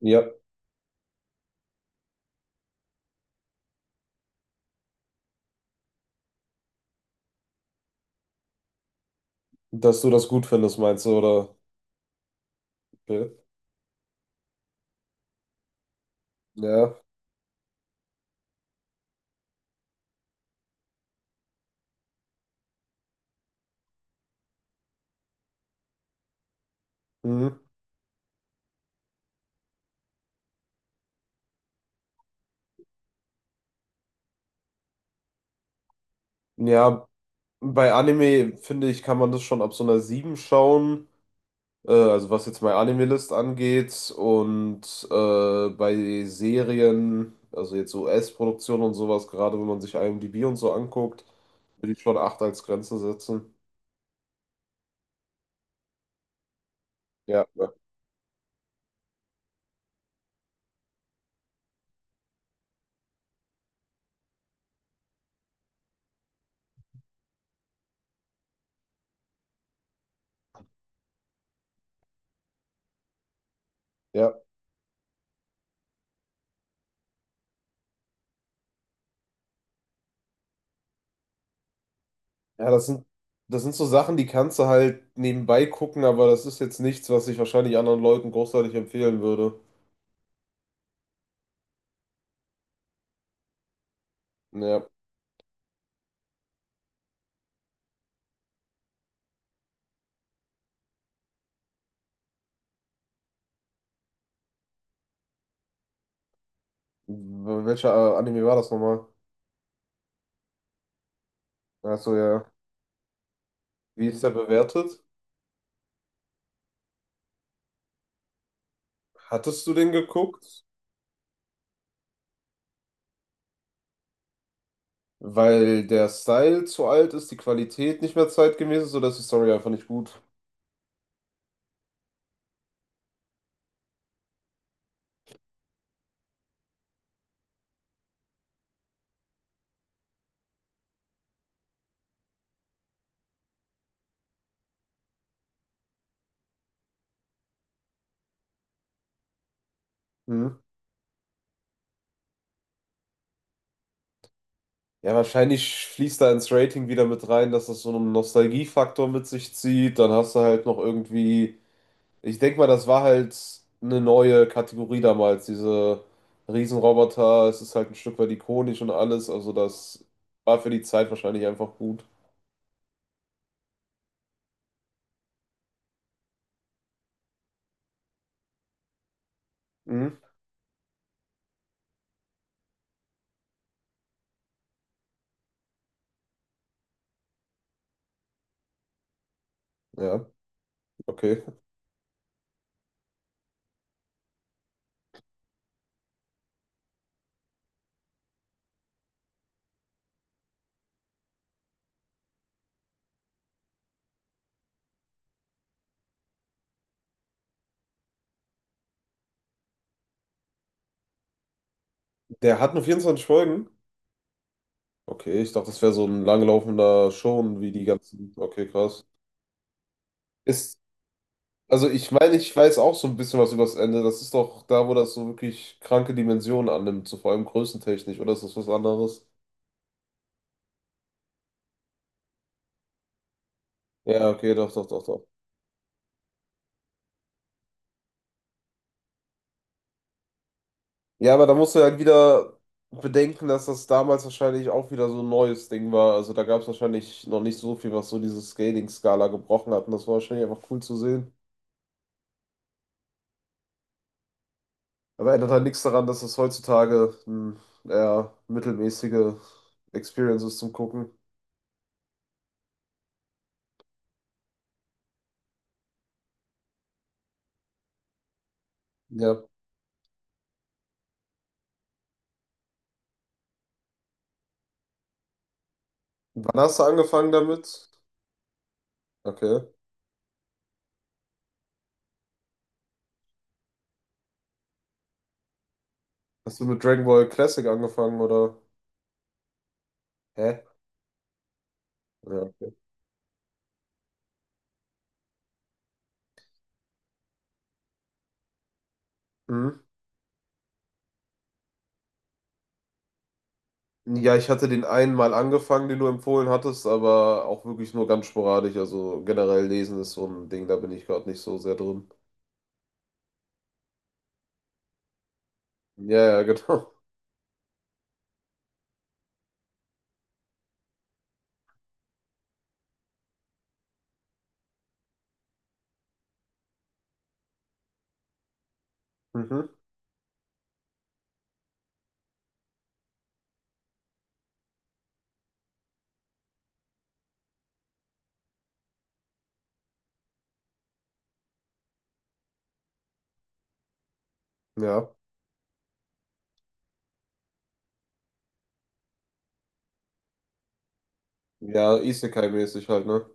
Ja, dass du das gut findest, meinst du, oder? Okay. Ja. Mhm. Ja, bei Anime, finde ich, kann man das schon ab so einer 7 schauen. Also was jetzt meine Anime-List angeht. Und bei Serien, also jetzt US-Produktion und sowas, gerade wenn man sich IMDb und so anguckt, würde ich schon 8 als Grenze setzen. Ja, ja. Ja, ja, das sind so Sachen, die kannst du halt nebenbei gucken, aber das ist jetzt nichts, was ich wahrscheinlich anderen Leuten großartig empfehlen würde. Ja. Welcher Anime war das nochmal? Also ja. Wie ist der bewertet? Hattest du den geguckt? Weil der Style zu alt ist, die Qualität nicht mehr zeitgemäß ist oder ist die Story einfach nicht gut? Hm. Ja, wahrscheinlich fließt da ins Rating wieder mit rein, dass das so einen Nostalgiefaktor mit sich zieht. Dann hast du halt noch irgendwie. Ich denke mal, das war halt eine neue Kategorie damals. Diese Riesenroboter, es ist halt ein Stück weit ikonisch und alles. Also, das war für die Zeit wahrscheinlich einfach gut. Mhm. Ja. Okay. Der hat nur 24 Folgen? Okay, ich dachte, das wäre so ein langlaufender Schon wie die ganzen. Okay, krass. Ist, also ich meine, ich weiß auch so ein bisschen was über das Ende. Das ist doch da, wo das so wirklich kranke Dimensionen annimmt, so vor allem größentechnisch, oder ist das was anderes? Ja, okay, doch, doch, doch, doch. Ja, aber da musst du ja halt wieder bedenken, dass das damals wahrscheinlich auch wieder so ein neues Ding war. Also da gab es wahrscheinlich noch nicht so viel, was so diese Scaling-Skala gebrochen hat. Und das war wahrscheinlich einfach cool zu sehen. Aber ändert halt nichts daran, dass es heutzutage eine eher mittelmäßige Experience ist zum Gucken. Ja. Wann hast du angefangen damit? Okay. Hast du mit Dragon Ball Classic angefangen oder? Hä? Ja, okay. Mhm. Ja, ich hatte den einen mal angefangen, den du empfohlen hattest, aber auch wirklich nur ganz sporadisch. Also generell lesen ist so ein Ding, da bin ich gerade nicht so sehr drin. Ja, ja, genau. Mhm. Ja. Ja, Isekai-mäßig halt, ne?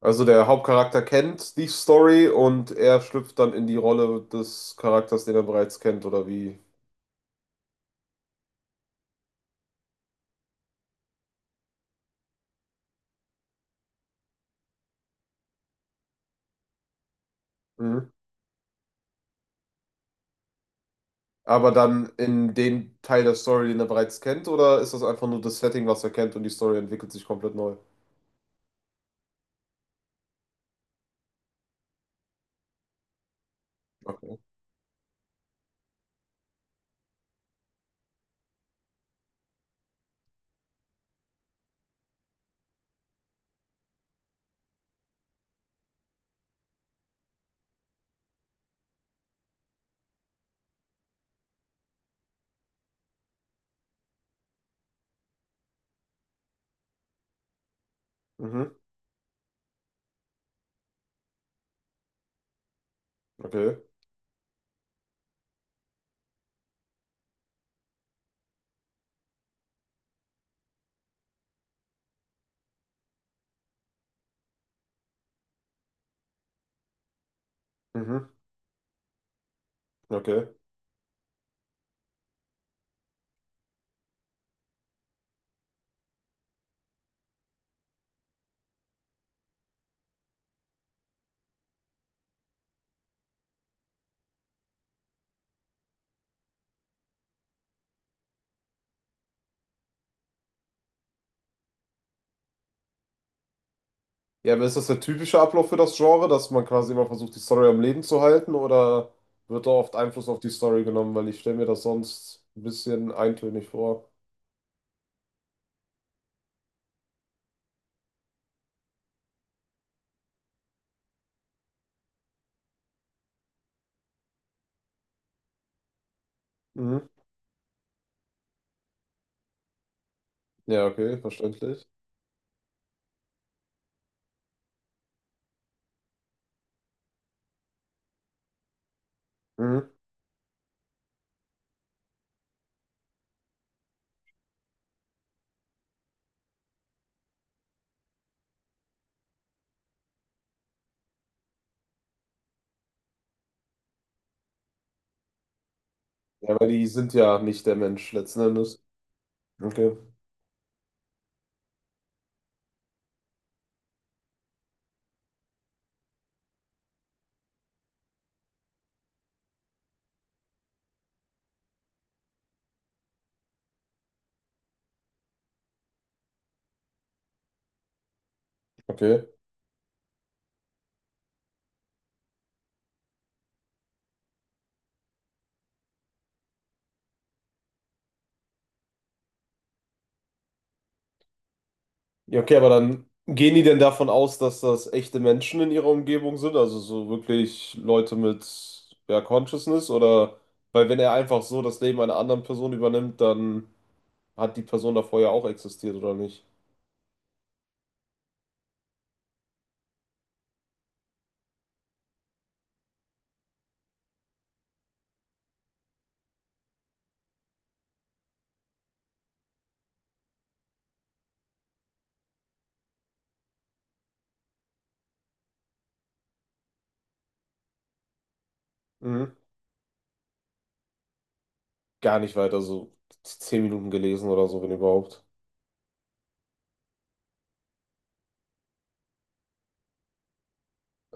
Also der Hauptcharakter kennt die Story und er schlüpft dann in die Rolle des Charakters, den er bereits kennt, oder wie? Mhm. Aber dann in den Teil der Story, den er bereits kennt, oder ist das einfach nur das Setting, was er kennt und die Story entwickelt sich komplett neu? Okay. Mhm. Okay. Mhm. Okay. Ja, aber ist das der typische Ablauf für das Genre, dass man quasi immer versucht, die Story am Leben zu halten, oder wird da oft Einfluss auf die Story genommen? Weil ich stelle mir das sonst ein bisschen eintönig vor. Mhm. Ja, okay, verständlich. Mhm. Ja, weil die sind ja nicht der Mensch letzten Endes. Okay, okay. Ja, okay, aber dann gehen die denn davon aus, dass das echte Menschen in ihrer Umgebung sind? Also so wirklich Leute mit, ja, Consciousness? Oder, weil wenn er einfach so das Leben einer anderen Person übernimmt, dann hat die Person davor ja auch existiert, oder nicht? Mhm. Gar nicht weiter, so 10 Minuten gelesen oder so, wenn überhaupt.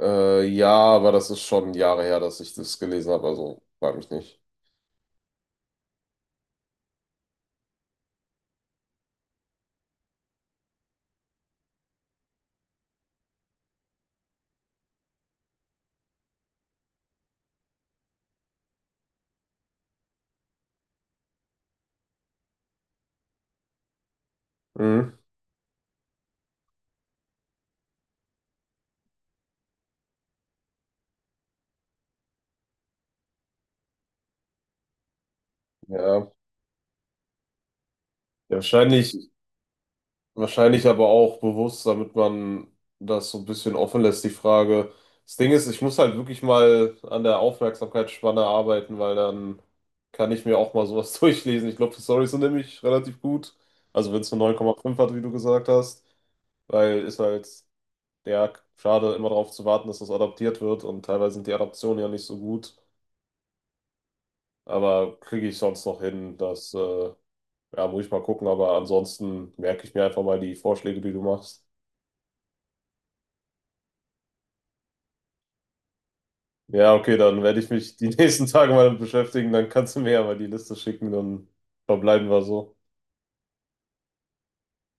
Ja, aber das ist schon Jahre her, dass ich das gelesen habe, also frag mich nicht. Mhm. Ja. Ja, wahrscheinlich aber auch bewusst, damit man das so ein bisschen offen lässt, die Frage. Das Ding ist, ich muss halt wirklich mal an der Aufmerksamkeitsspanne arbeiten, weil dann kann ich mir auch mal sowas durchlesen. Ich glaube, die Storys sind nämlich relativ gut. Also wenn es nur 9,5 hat, wie du gesagt hast, weil ist halt, ja, schade, immer darauf zu warten, dass das adaptiert wird und teilweise sind die Adaptionen ja nicht so gut. Aber kriege ich sonst noch hin, das, ja, muss ich mal gucken. Aber ansonsten merke ich mir einfach mal die Vorschläge, die du machst. Ja, okay, dann werde ich mich die nächsten Tage mal damit beschäftigen. Dann kannst du mir ja mal die Liste schicken, dann verbleiben wir so.